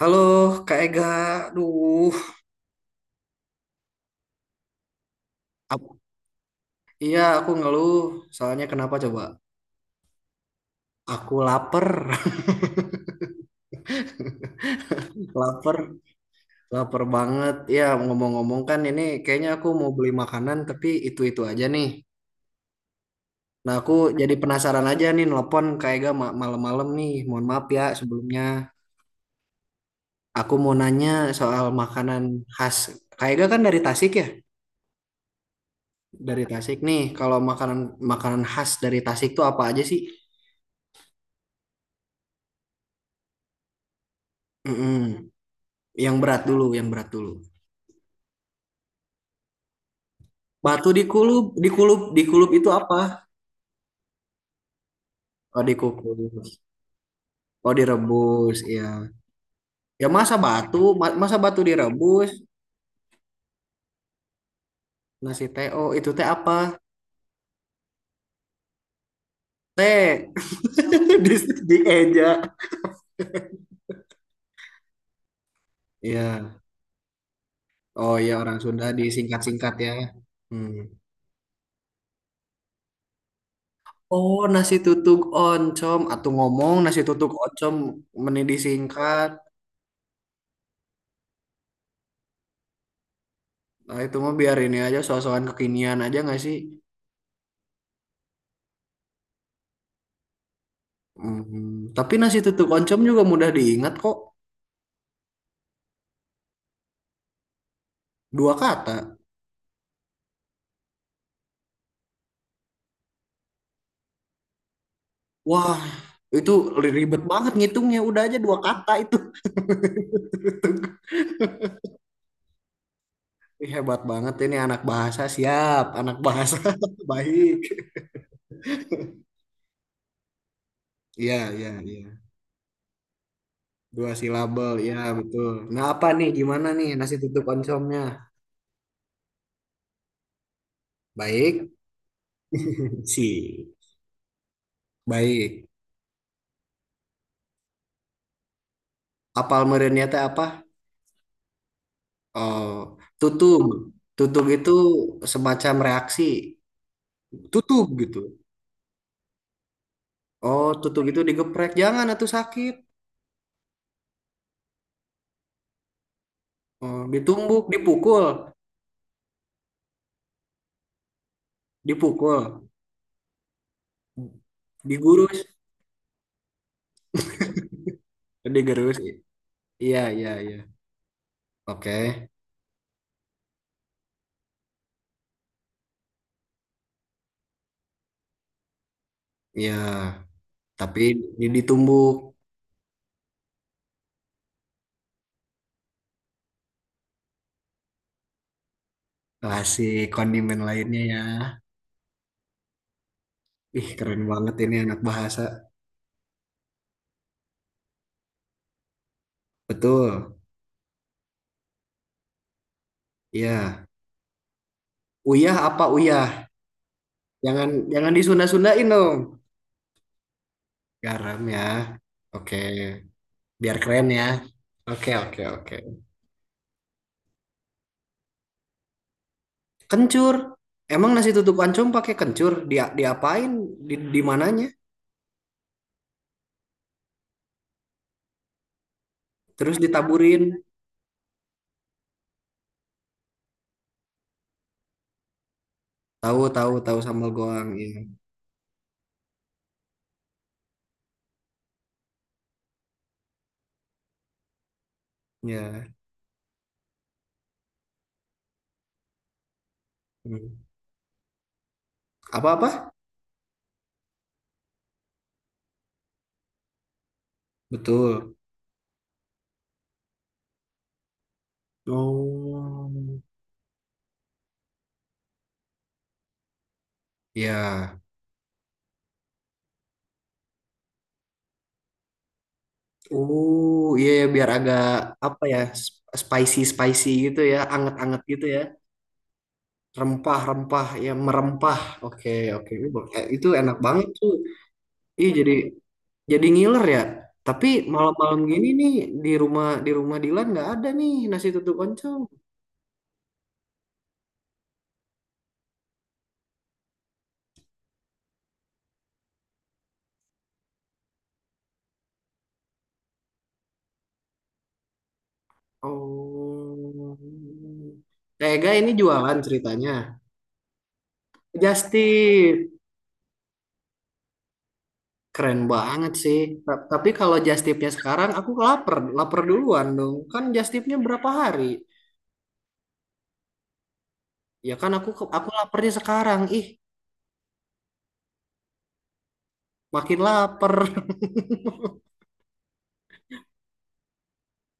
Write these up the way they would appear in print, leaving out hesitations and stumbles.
Halo Kak Ega, aduh, Ap- iya aku ngeluh, soalnya kenapa coba? Aku lapar, lapar, lapar banget. Ya ngomong-ngomong kan ini kayaknya aku mau beli makanan tapi itu-itu aja nih. Nah aku jadi penasaran aja nih nelpon Kak Ega malam-malam nih, mohon maaf ya sebelumnya. Aku mau nanya soal makanan khas. Kak Ega kan dari Tasik ya? Dari Tasik nih, kalau makanan makanan khas dari Tasik tuh apa aja sih? Mm-mm. Yang berat dulu, yang berat dulu. Batu dikulup, dikulup, dikulup itu apa? Oh, dikukus. Oh, direbus, ya. Ya masa batu, masa batu direbus. Nasi teo itu teh apa? Teh. di, dieja. Ya. Oh, ya orang Sunda disingkat-singkat ya. Hmm. Oh, nasi tutuk oncom atau ngomong nasi tutuk oncom meni disingkat. Nah, itu mah biar ini aja so kekinian aja nggak sih? Hmm. Tapi nasi tutuk oncom juga mudah diingat kok. Dua kata. Wah, itu ribet banget ngitungnya. Udah aja dua kata itu. Ih, hebat banget ini anak bahasa siap, anak bahasa baik. Iya, iya, iya. Dua silabel, ya betul. Nah, apa nih? Gimana nih nasi tutup oncomnya? Baik, si. Baik. Apal merenya teh apa? Oh, tutug. Tutug itu semacam reaksi. Tutug gitu. Oh, tutug itu digeprek. Jangan, atuh sakit. Oh, ditumbuk, dipukul, dipukul. Digurus, digurus. Iya, iya, iya, oke, iya. Tapi ini ditumbuk, kasih kondimen lainnya ya. Ih, keren banget ini anak bahasa. Betul, iya. Uyah apa uyah? Jangan, jangan disunda-sundain dong. Garam ya. Oke, biar keren ya. Oke, oke, oke, kencur. Emang nasi tutup oncom pakai kencur, dia diapain? Di mananya? Terus ditaburin. Tahu, tahu, tahu sambal goang, iya ya. Hmm. Apa-apa? Betul. Oh, ya. Oh, iya ya, biar agak apa ya? Spicy spicy gitu ya, anget-anget gitu ya. Rempah-rempah ya merempah. Oke, oke. Itu enak banget tuh. Iya jadi ngiler ya. Tapi malam-malam gini nih di rumah Dilan nggak ada nih nasi tutuk oncom. Oh. Tega ini jualan ceritanya. Justin. Keren banget sih. Tapi kalau just tipnya sekarang aku lapar, lapar duluan dong. Kan just tipnya berapa hari? Ya kan aku laparnya sekarang. Ih, makin lapar.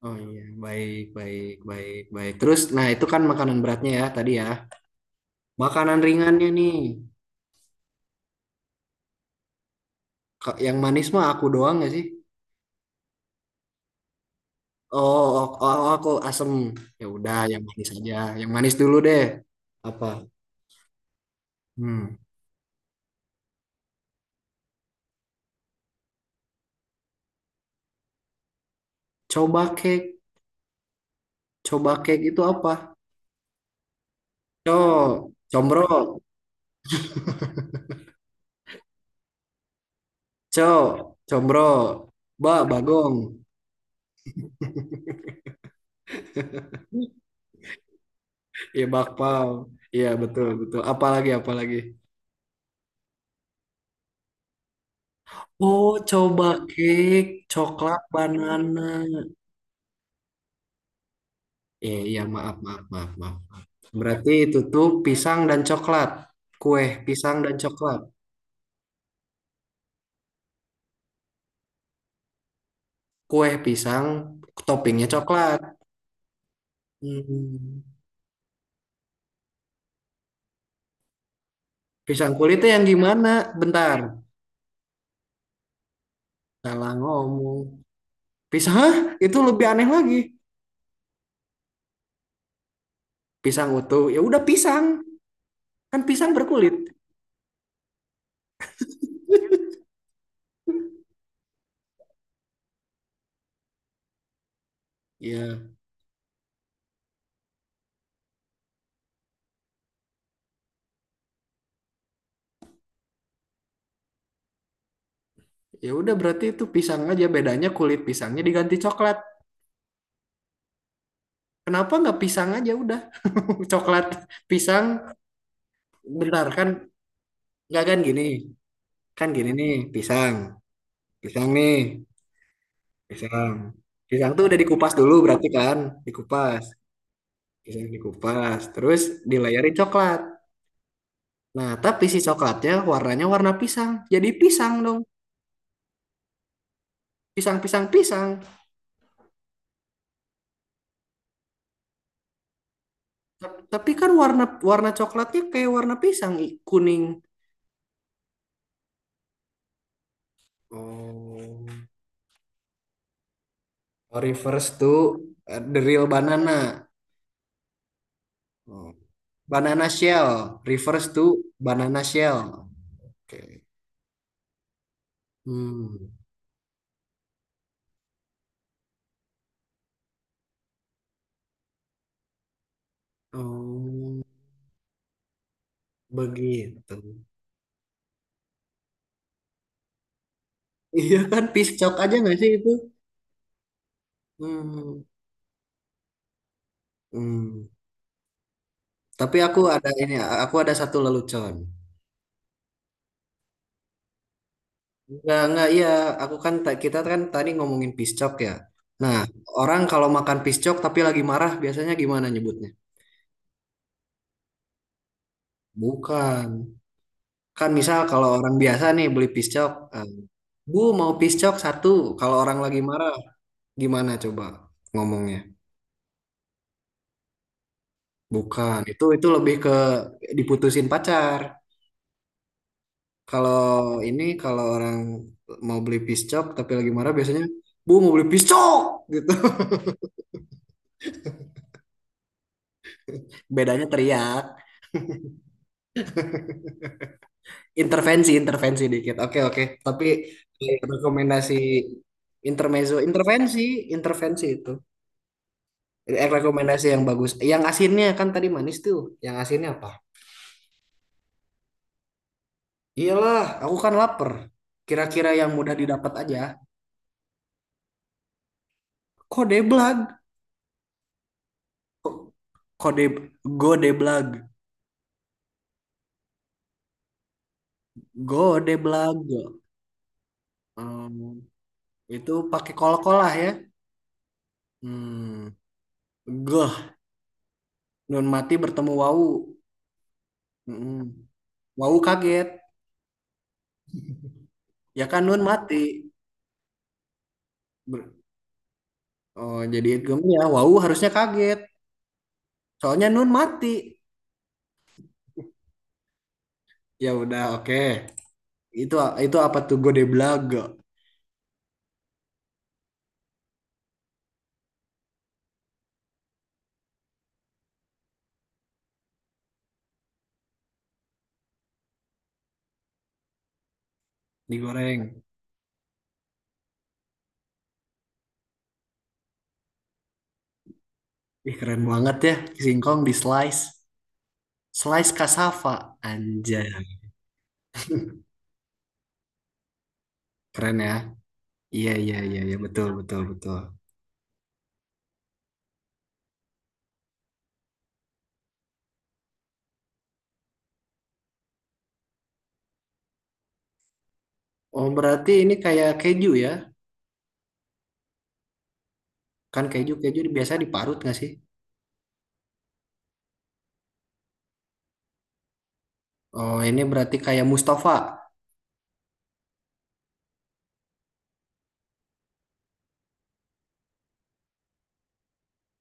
Oh iya, baik, baik, baik, baik. Terus nah itu kan makanan beratnya ya tadi ya. Makanan ringannya nih. Yang manis mah aku doang gak sih? Oh, oh, oh, oh, oh, aku asem. Ya udah, yang manis aja. Yang manis dulu deh. Apa? Hmm. Coba cake. Coba cake itu apa? Co, combro. Combro, bagong, iya bakpao, iya betul betul. Apalagi apalagi. Oh, coba cake, coklat, banana. Iya iya maaf maaf maaf maaf. Berarti itu tuh pisang dan coklat, kue pisang dan coklat, kue pisang, toppingnya coklat. Hmm. Pisang kulitnya yang gimana? Bentar, salah ngomong. Pisang, hah? Itu lebih aneh lagi. Pisang utuh, ya udah pisang, kan pisang berkulit. Ya. Ya udah berarti itu pisang aja bedanya kulit pisangnya diganti coklat. Kenapa nggak pisang aja udah. Coklat pisang, bentar kan. Nggak, kan gini, kan gini nih pisang, pisang nih pisang, pisang tuh udah dikupas dulu berarti kan, dikupas, pisang dikupas terus dilayari coklat. Nah tapi si coklatnya warnanya warna pisang, jadi pisang dong, pisang pisang pisang. Tapi kan warna warna coklatnya kayak warna pisang kuning. Oh. Oh, refers to the real banana. Oh. Banana shell refers to banana shell. Oke. Hmm. Oh, begitu. Iya kan piscok aja nggak sih itu? Hmm. Hmm. Tapi aku ada satu lelucon. Enggak, iya. Aku kan, kita kan tadi ngomongin piscok ya. Nah, orang kalau makan piscok tapi lagi marah, biasanya gimana nyebutnya? Bukan. Kan misal kalau orang biasa nih beli piscok, eh, Bu mau piscok satu. Kalau orang lagi marah, gimana coba ngomongnya? Bukan, itu lebih ke diputusin pacar. Kalau kalau orang mau beli piscok tapi lagi marah biasanya, Bu mau beli piscok gitu. Bedanya teriak, intervensi intervensi dikit. Oke oke. Tapi rekomendasi intermezzo, intervensi intervensi itu. Eh, rekomendasi yang bagus. Yang asinnya kan tadi manis tuh. Yang asinnya apa? Iyalah, aku kan lapar. Kira-kira yang mudah didapat aja. Kodeblag. Ko- Kode Godeblag. Godeblag. Hmm, itu pakai kol-kolah ya. Hmm, Goh. Nun mati bertemu wau. Hmm, Wau kaget. Ya kan nun mati. Ber- oh, jadi idgamnya wau harusnya kaget. Soalnya nun mati. Ya udah, oke. Itu itu apa tuh Godeblag digoreng. Ih, keren banget ya singkong di slice. Slice cassava anjay. Keren ya. Iya iya iya iya betul betul betul. Oh, berarti ini kayak keju ya? Kan keju keju biasanya diparut nggak sih? Oh, ini berarti kayak Mustafa.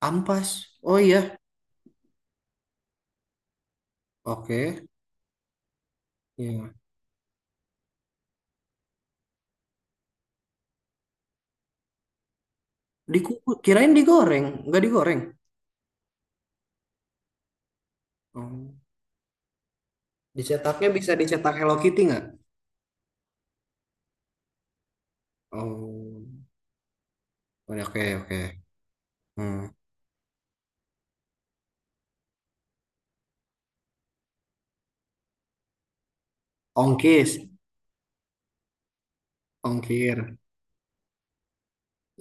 Ampas. Oh iya. Oke. Iya. Dikukus, kirain digoreng, nggak digoreng. Oh. Dicetaknya bisa dicetak Hello Kitty nggak? Oh. Oke oke oke. Hmm. Ongkis, ongkir.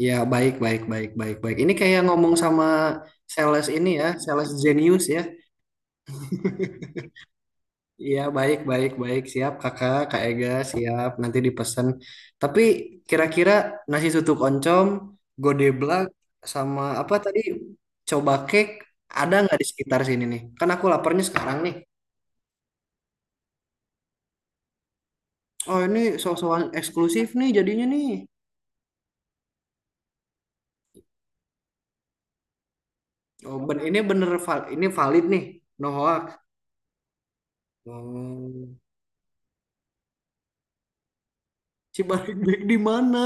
Ya, baik, baik, baik, baik, baik. Ini kayak ngomong sama sales ini ya, sales genius ya. Iya, baik, baik, baik. Siap, kakak, Kak Ega, siap. Nanti dipesan. Tapi kira-kira nasi tutuk oncom, godeblak, sama apa tadi, coba cake, ada nggak di sekitar sini nih? Kan aku laparnya sekarang nih. Oh, ini soal-soal eksklusif nih jadinya nih. Oh, ini bener, ini valid nih. No hoax. Oh. Cibareng Baik di mana?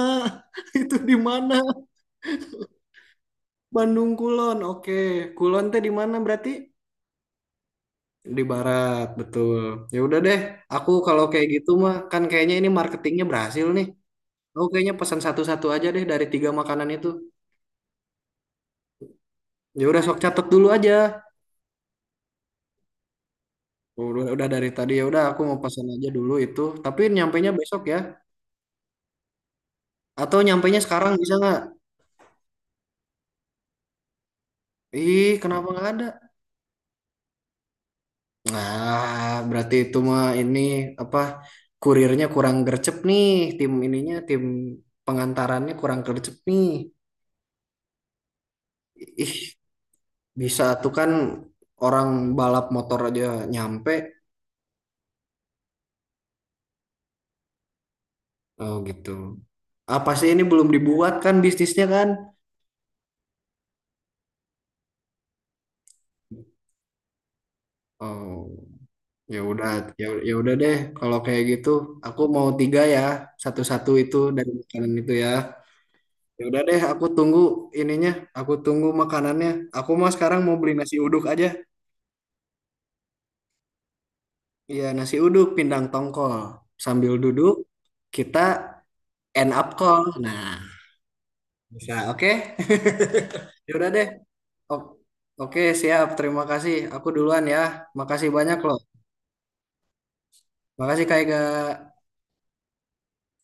Itu di mana? Bandung Kulon. Oke, Kulon teh di mana berarti? Di barat, betul. Ya udah deh, aku kalau kayak gitu mah kan kayaknya ini marketingnya berhasil nih. Aku kayaknya pesan satu-satu aja deh dari tiga makanan itu. Ya udah sok catet dulu aja. Udah dari tadi ya udah aku mau pesan aja dulu itu. Tapi nyampainya besok ya. Atau nyampainya sekarang bisa nggak? Ih, kenapa nggak ada? Nah, berarti itu mah ini apa? Kurirnya kurang gercep nih, tim ininya, tim pengantarannya kurang gercep nih. Ih, bisa tuh kan, orang balap motor aja nyampe. Oh gitu. Apa sih, ini belum dibuat kan bisnisnya kan. Oh, ya udah. Ya, ya udah deh, kalau kayak gitu aku mau tiga ya, satu-satu itu dari makanan itu ya. Ya udah deh, aku tunggu ininya, aku tunggu makanannya. Aku mau sekarang mau beli nasi uduk aja. Iya, nasi uduk pindang tongkol sambil duduk, kita end up call nah bisa oke. Ya udah deh. O- Oke, siap. Terima kasih. Aku duluan ya. Makasih banyak loh. Makasih Kak Ega.